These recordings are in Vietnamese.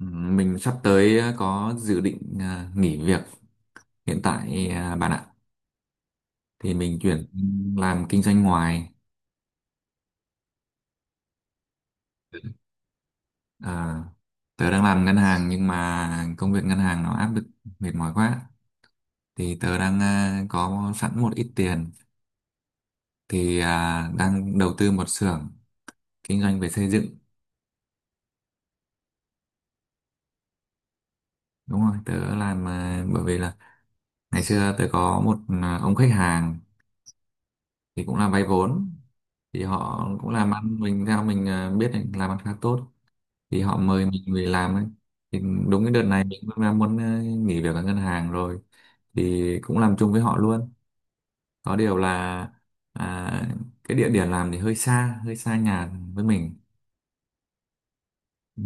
Ừ, Mình sắp tới có dự định nghỉ việc hiện tại, bạn ạ. Thì mình chuyển làm kinh doanh ngoài. À, tớ đang làm ngân hàng nhưng mà công việc ngân hàng nó áp lực mệt mỏi quá. Thì tớ đang có sẵn một ít tiền thì đang đầu tư một xưởng kinh doanh về xây dựng. Đúng rồi, tớ làm, bởi vì là ngày xưa tớ có một ông khách hàng thì cũng là vay vốn, thì họ cũng làm ăn, mình theo mình biết là làm ăn khá tốt, thì họ mời mình về làm ấy. Thì đúng cái đợt này mình cũng đang muốn nghỉ việc ở ngân hàng rồi, thì cũng làm chung với họ luôn. Có điều là à, cái địa điểm làm thì hơi xa nhà với mình. Ừ.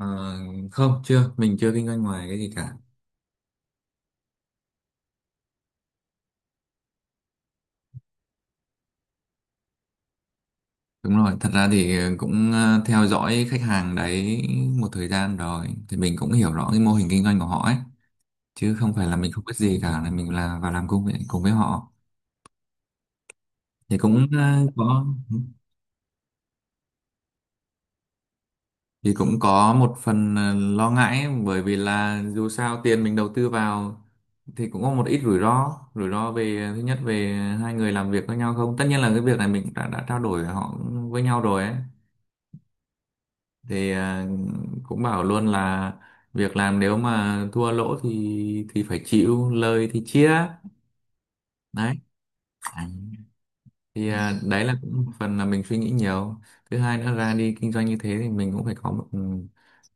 Ờ, không, chưa mình chưa kinh doanh ngoài cái gì cả. Đúng rồi, thật ra thì cũng theo dõi khách hàng đấy một thời gian rồi thì mình cũng hiểu rõ cái mô hình kinh doanh của họ ấy, chứ không phải là mình không biết gì cả, là mình là vào làm cùng với họ. Thì cũng có, thì cũng có một phần lo ngại ấy, bởi vì là dù sao tiền mình đầu tư vào thì cũng có một ít rủi ro về thứ nhất về hai người làm việc với nhau không. Tất nhiên là cái việc này mình đã trao đổi họ với nhau rồi ấy, thì cũng bảo luôn là việc làm nếu mà thua lỗ thì phải chịu, lời thì chia. Đấy thì đấy là cũng một phần là mình suy nghĩ nhiều. Thứ hai nữa, ra đi kinh doanh như thế thì mình cũng phải có một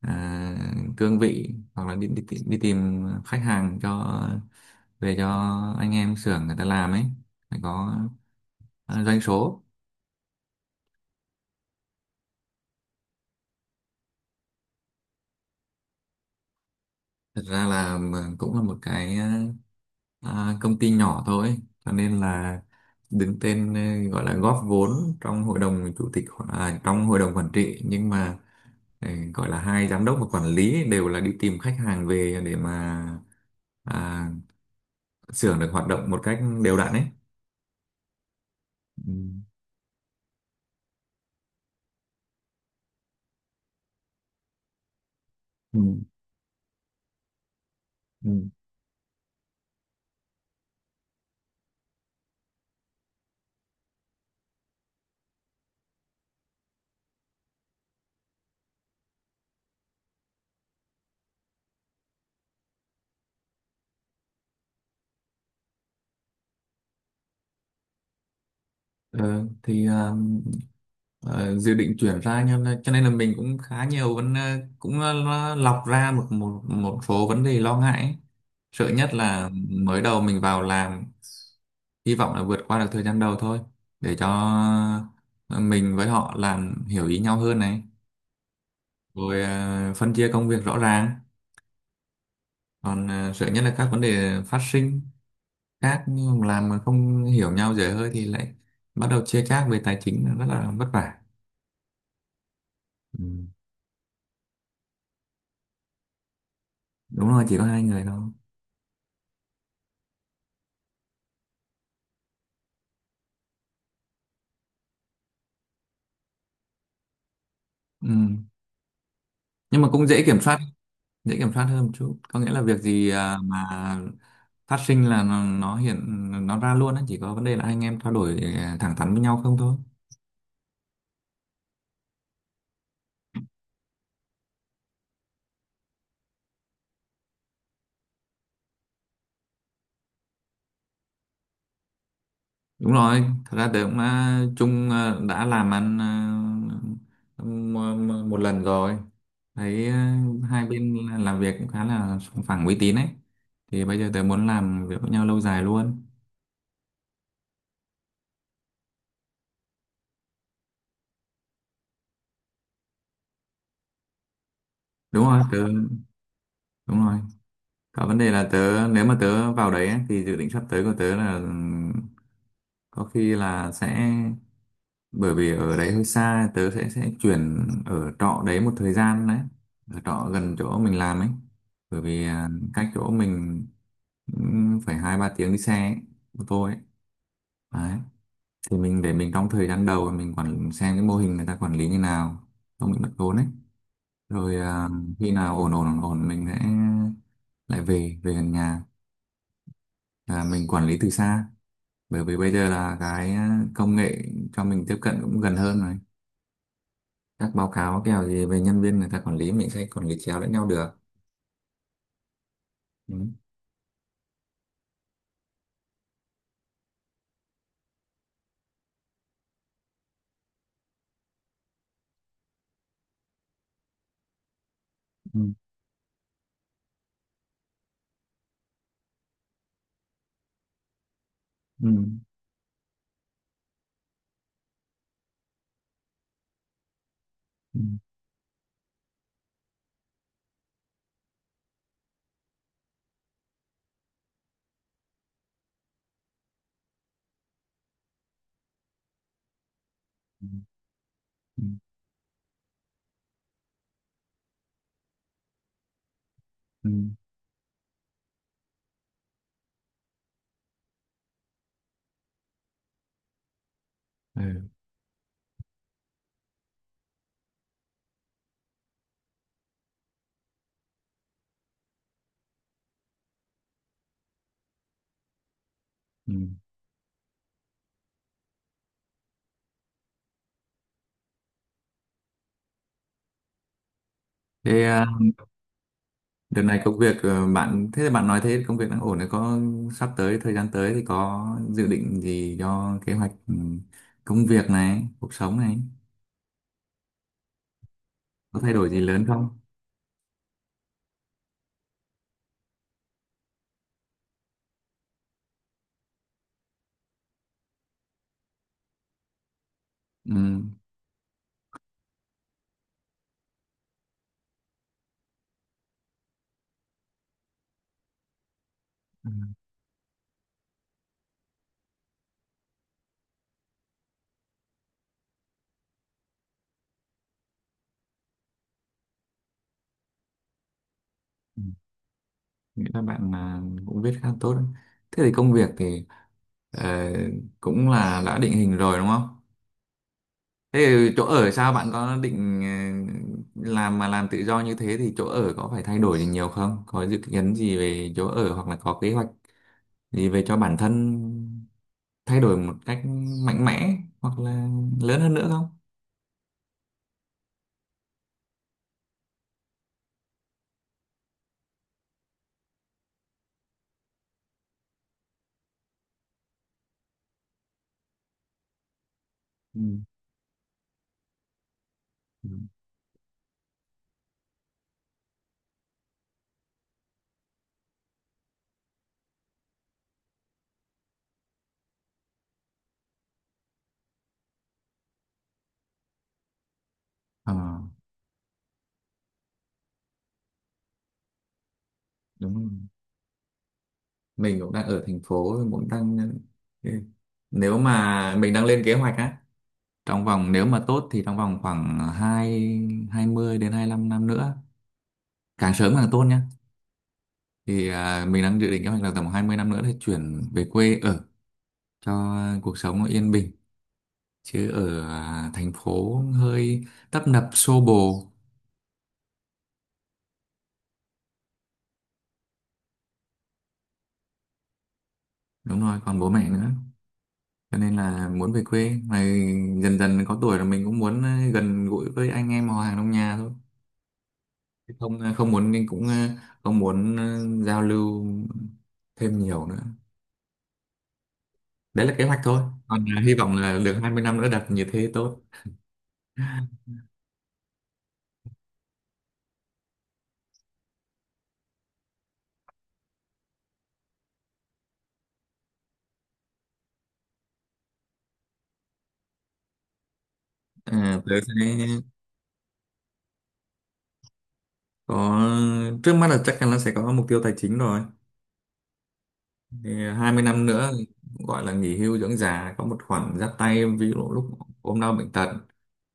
à, cương vị, hoặc là đi tìm khách hàng cho về cho anh em xưởng người ta làm ấy, phải có doanh số. Thật ra là mà cũng là một cái công ty nhỏ thôi, cho nên là đứng tên, gọi là góp vốn trong hội đồng chủ tịch hoặc- à, trong hội đồng quản trị, nhưng mà gọi là hai giám đốc và quản lý đều là đi tìm khách hàng về để mà à, xưởng được hoạt động một cách đều đặn ấy. Ừ, ừ, ừ. Ờ, thì dự định chuyển ra, cho nên là mình cũng khá nhiều vấn ờ, cũng ờ, lo- lọc ra một một một số vấn đề lo ngại ấy. Sợ nhất là mới đầu mình vào làm, hy vọng là vượt qua được thời gian đầu thôi, để cho ờ, mình với họ làm hiểu ý nhau hơn này, rồi phân chia công việc rõ ràng. Còn sợ nhất là các vấn đề phát sinh khác, nhưng mà làm mà không hiểu nhau dễ hơi thì lại bắt đầu chia chác về tài chính là rất là vất vả. Ừ. Đúng rồi, chỉ có hai người thôi. Ừ. Nhưng mà cũng dễ kiểm soát, dễ kiểm soát hơn một chút, có nghĩa là việc gì mà phát sinh là nó hiện nó ra luôn á, chỉ có vấn đề là anh em trao đổi thẳng thắn với nhau không thôi. Đúng rồi, thật ra tớ cũng đã làm ăn ờ, m- một lần rồi. Thấy hai bên làm việc cũng khá là sòng phẳng uy tín ấy. Thì bây giờ tớ muốn làm việc với nhau lâu dài luôn. Đúng rồi, tớ. Đúng rồi. Có vấn đề là tớ, nếu mà tớ vào đấy ấy, thì dự định sắp tới của tớ là có khi là sẽ, bởi vì ở đấy hơi xa, tớ sẽ chuyển ở trọ đấy một thời gian đấy. Ở trọ gần chỗ mình làm ấy. Bởi vì cách chỗ mình phải hai ba tiếng đi xe ấy, ô tô ấy, đấy. Thì mình để mình trong thời gian đầu mình quản xem cái mô hình người ta quản lý như nào, không bị mất vốn ấy, rồi khi nào ổn ổn ổn ổn mình sẽ lại về về gần nhà, là mình quản lý từ xa. Bởi vì bây giờ là cái công nghệ cho mình tiếp cận cũng gần hơn rồi, các báo cáo kèo gì về nhân viên người ta quản lý, mình sẽ quản lý chéo lẫn nhau được. Ừ. Ừ. Ừ. Ừ. Ừ. Ừ. Ừ. Ừ. Thế à, đợt này công việc, bạn, thế là bạn nói thế công việc đang ổn đấy, có sắp tới thời gian tới thì có dự định gì cho kế hoạch, công việc này, cuộc sống này, có thay đổi gì lớn không? Ừ. Ừ, ừ. Nghĩ là bạn cũng viết khá tốt đấy. Thế thì công việc thì ờ, cũng là đã định hình rồi đúng không? Thế thì chỗ ở sao, bạn có định làm mà làm tự do như thế thì chỗ ở có phải thay đổi gì nhiều không? Có dự kiến gì về chỗ ở hoặc là có kế hoạch gì về cho bản thân thay đổi một cách mạnh mẽ hoặc là lớn hơn nữa không? Ừ. Ừ. Ờ, đúng rồi. Mình cũng đang ở thành phố, mình cũng đang, ừ, nếu mà mình đang lên kế hoạch á, trong vòng, nếu mà tốt thì trong vòng khoảng hai 20 đến hai lăm năm nữa, càng sớm càng tốt nhá. Thì mình đang dự định kế hoạch là tầm 20 năm nữa thì chuyển về quê ở, cho cuộc sống nó yên bình, chứ ở thành phố hơi tấp nập xô bồ. Đúng rồi, còn bố mẹ nữa, cho nên là muốn về quê. Mà dần dần có tuổi là mình cũng muốn gần gũi với anh em họ hàng trong nhà thôi. Chứ không không muốn, nên cũng không muốn giao lưu thêm nhiều nữa. Đấy là kế hoạch thôi, còn hy vọng là được 20 năm nữa đặt như thế tốt. Tớ sẽ có, trước mắt là chắc chắn là sẽ có mục tiêu tài chính rồi. Thì 20 năm nữa gọi là nghỉ hưu dưỡng già, có một khoản giáp tay, ví dụ lúc ốm đau bệnh tật.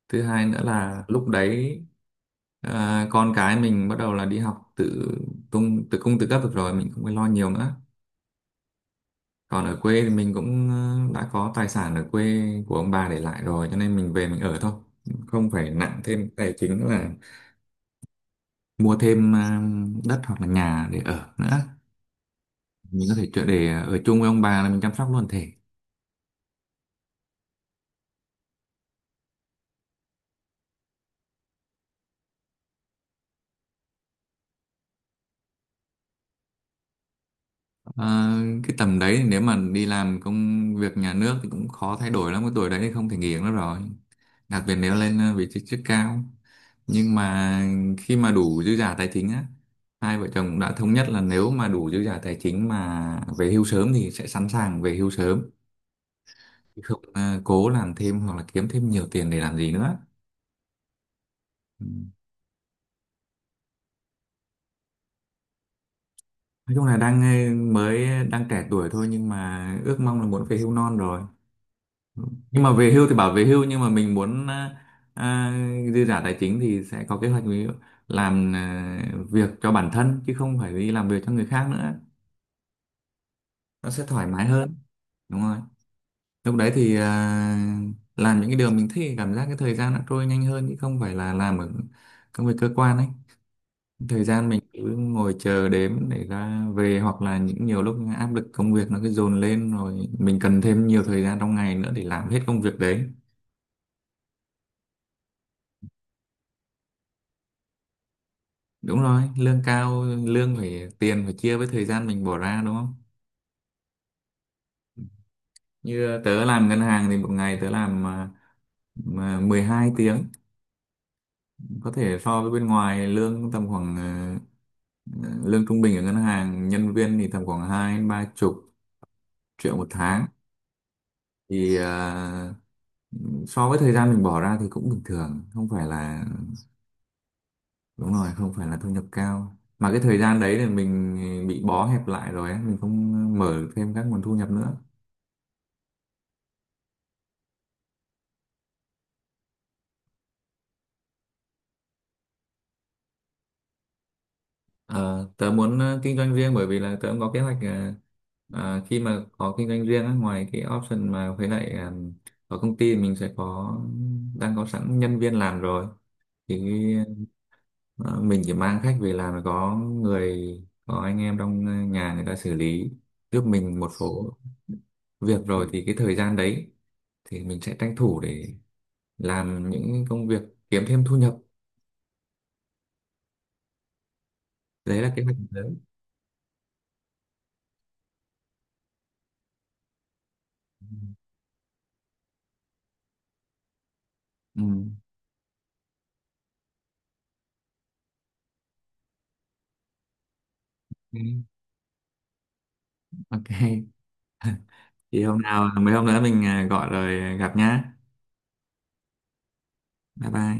Thứ hai nữa là lúc đấy con cái mình bắt đầu là đi học tự tung, tự cung tự cấp được rồi, mình không phải lo nhiều nữa. Còn ở quê thì mình cũng đã có tài sản ở quê của ông bà để lại rồi, cho nên mình về mình ở thôi, không phải nặng thêm tài chính là mua thêm đất hoặc là nhà để ở nữa. Mình có thể trở để ở chung với ông bà, là mình chăm sóc luôn thể. À, cái tầm đấy thì nếu mà đi làm công việc nhà nước thì cũng khó thay đổi lắm, cái tuổi đấy thì không thể nghỉ nữa rồi, đặc biệt nếu lên vị trí chức cao. Nhưng mà khi mà đủ dư giả tài chính á, hai vợ chồng cũng đã thống nhất là nếu mà đủ dư giả tài chính mà về hưu sớm thì sẽ sẵn sàng về hưu sớm. Chứ không cố làm thêm hoặc là kiếm thêm nhiều tiền để làm gì nữa. Ừ. Nói chung là đang đang trẻ tuổi thôi, nhưng mà ước mong là muốn về hưu non rồi. Nhưng mà về hưu thì bảo về hưu, nhưng mà mình muốn à, dư giả tài chính thì sẽ có kế hoạch, ví dụ làm việc cho bản thân, chứ không phải đi làm việc cho người khác nữa, nó sẽ thoải mái hơn. Đúng rồi, lúc đấy thì làm những cái điều mình thích, cảm giác cái thời gian nó trôi nhanh hơn, chứ không phải là làm ở công việc cơ quan ấy, thời gian mình cứ ngồi chờ đếm để ra về, hoặc là những nhiều lúc áp lực công việc nó cứ dồn lên rồi mình cần thêm nhiều thời gian trong ngày nữa để làm hết công việc đấy. Đúng rồi, lương cao, lương phải, tiền phải chia với thời gian mình bỏ ra đúng không? Như tớ làm ngân hàng thì một ngày tớ làm mà 12 tiếng, có thể so với bên ngoài lương tầm khoảng lương trung bình ở ngân hàng nhân viên thì tầm khoảng hai ba chục triệu một tháng. Thì so với thời gian mình bỏ ra thì cũng bình thường, không phải là, đúng rồi, không phải là thu nhập cao. Mà cái thời gian đấy thì mình bị bó hẹp lại rồi ấy, mình không mở thêm các nguồn thu nhập nữa. Ờ, tớ muốn kinh doanh riêng, bởi vì là tớ cũng có kế hoạch, khi mà có kinh doanh riêng á, ngoài cái option mà với lại ở công ty mình sẽ có, đang có sẵn nhân viên làm rồi, thì ờ, mình chỉ mang khách về làm là có người, có anh em trong nhà người ta xử lý giúp mình một số việc rồi, thì cái thời gian đấy thì mình sẽ tranh thủ để làm những công việc kiếm thêm thu nhập. Đấy là kế hoạch lớn. Ừ. Ok. Ok. Thì hôm nào mấy hôm nữa mình gọi rồi gặp nhá. Bye bye.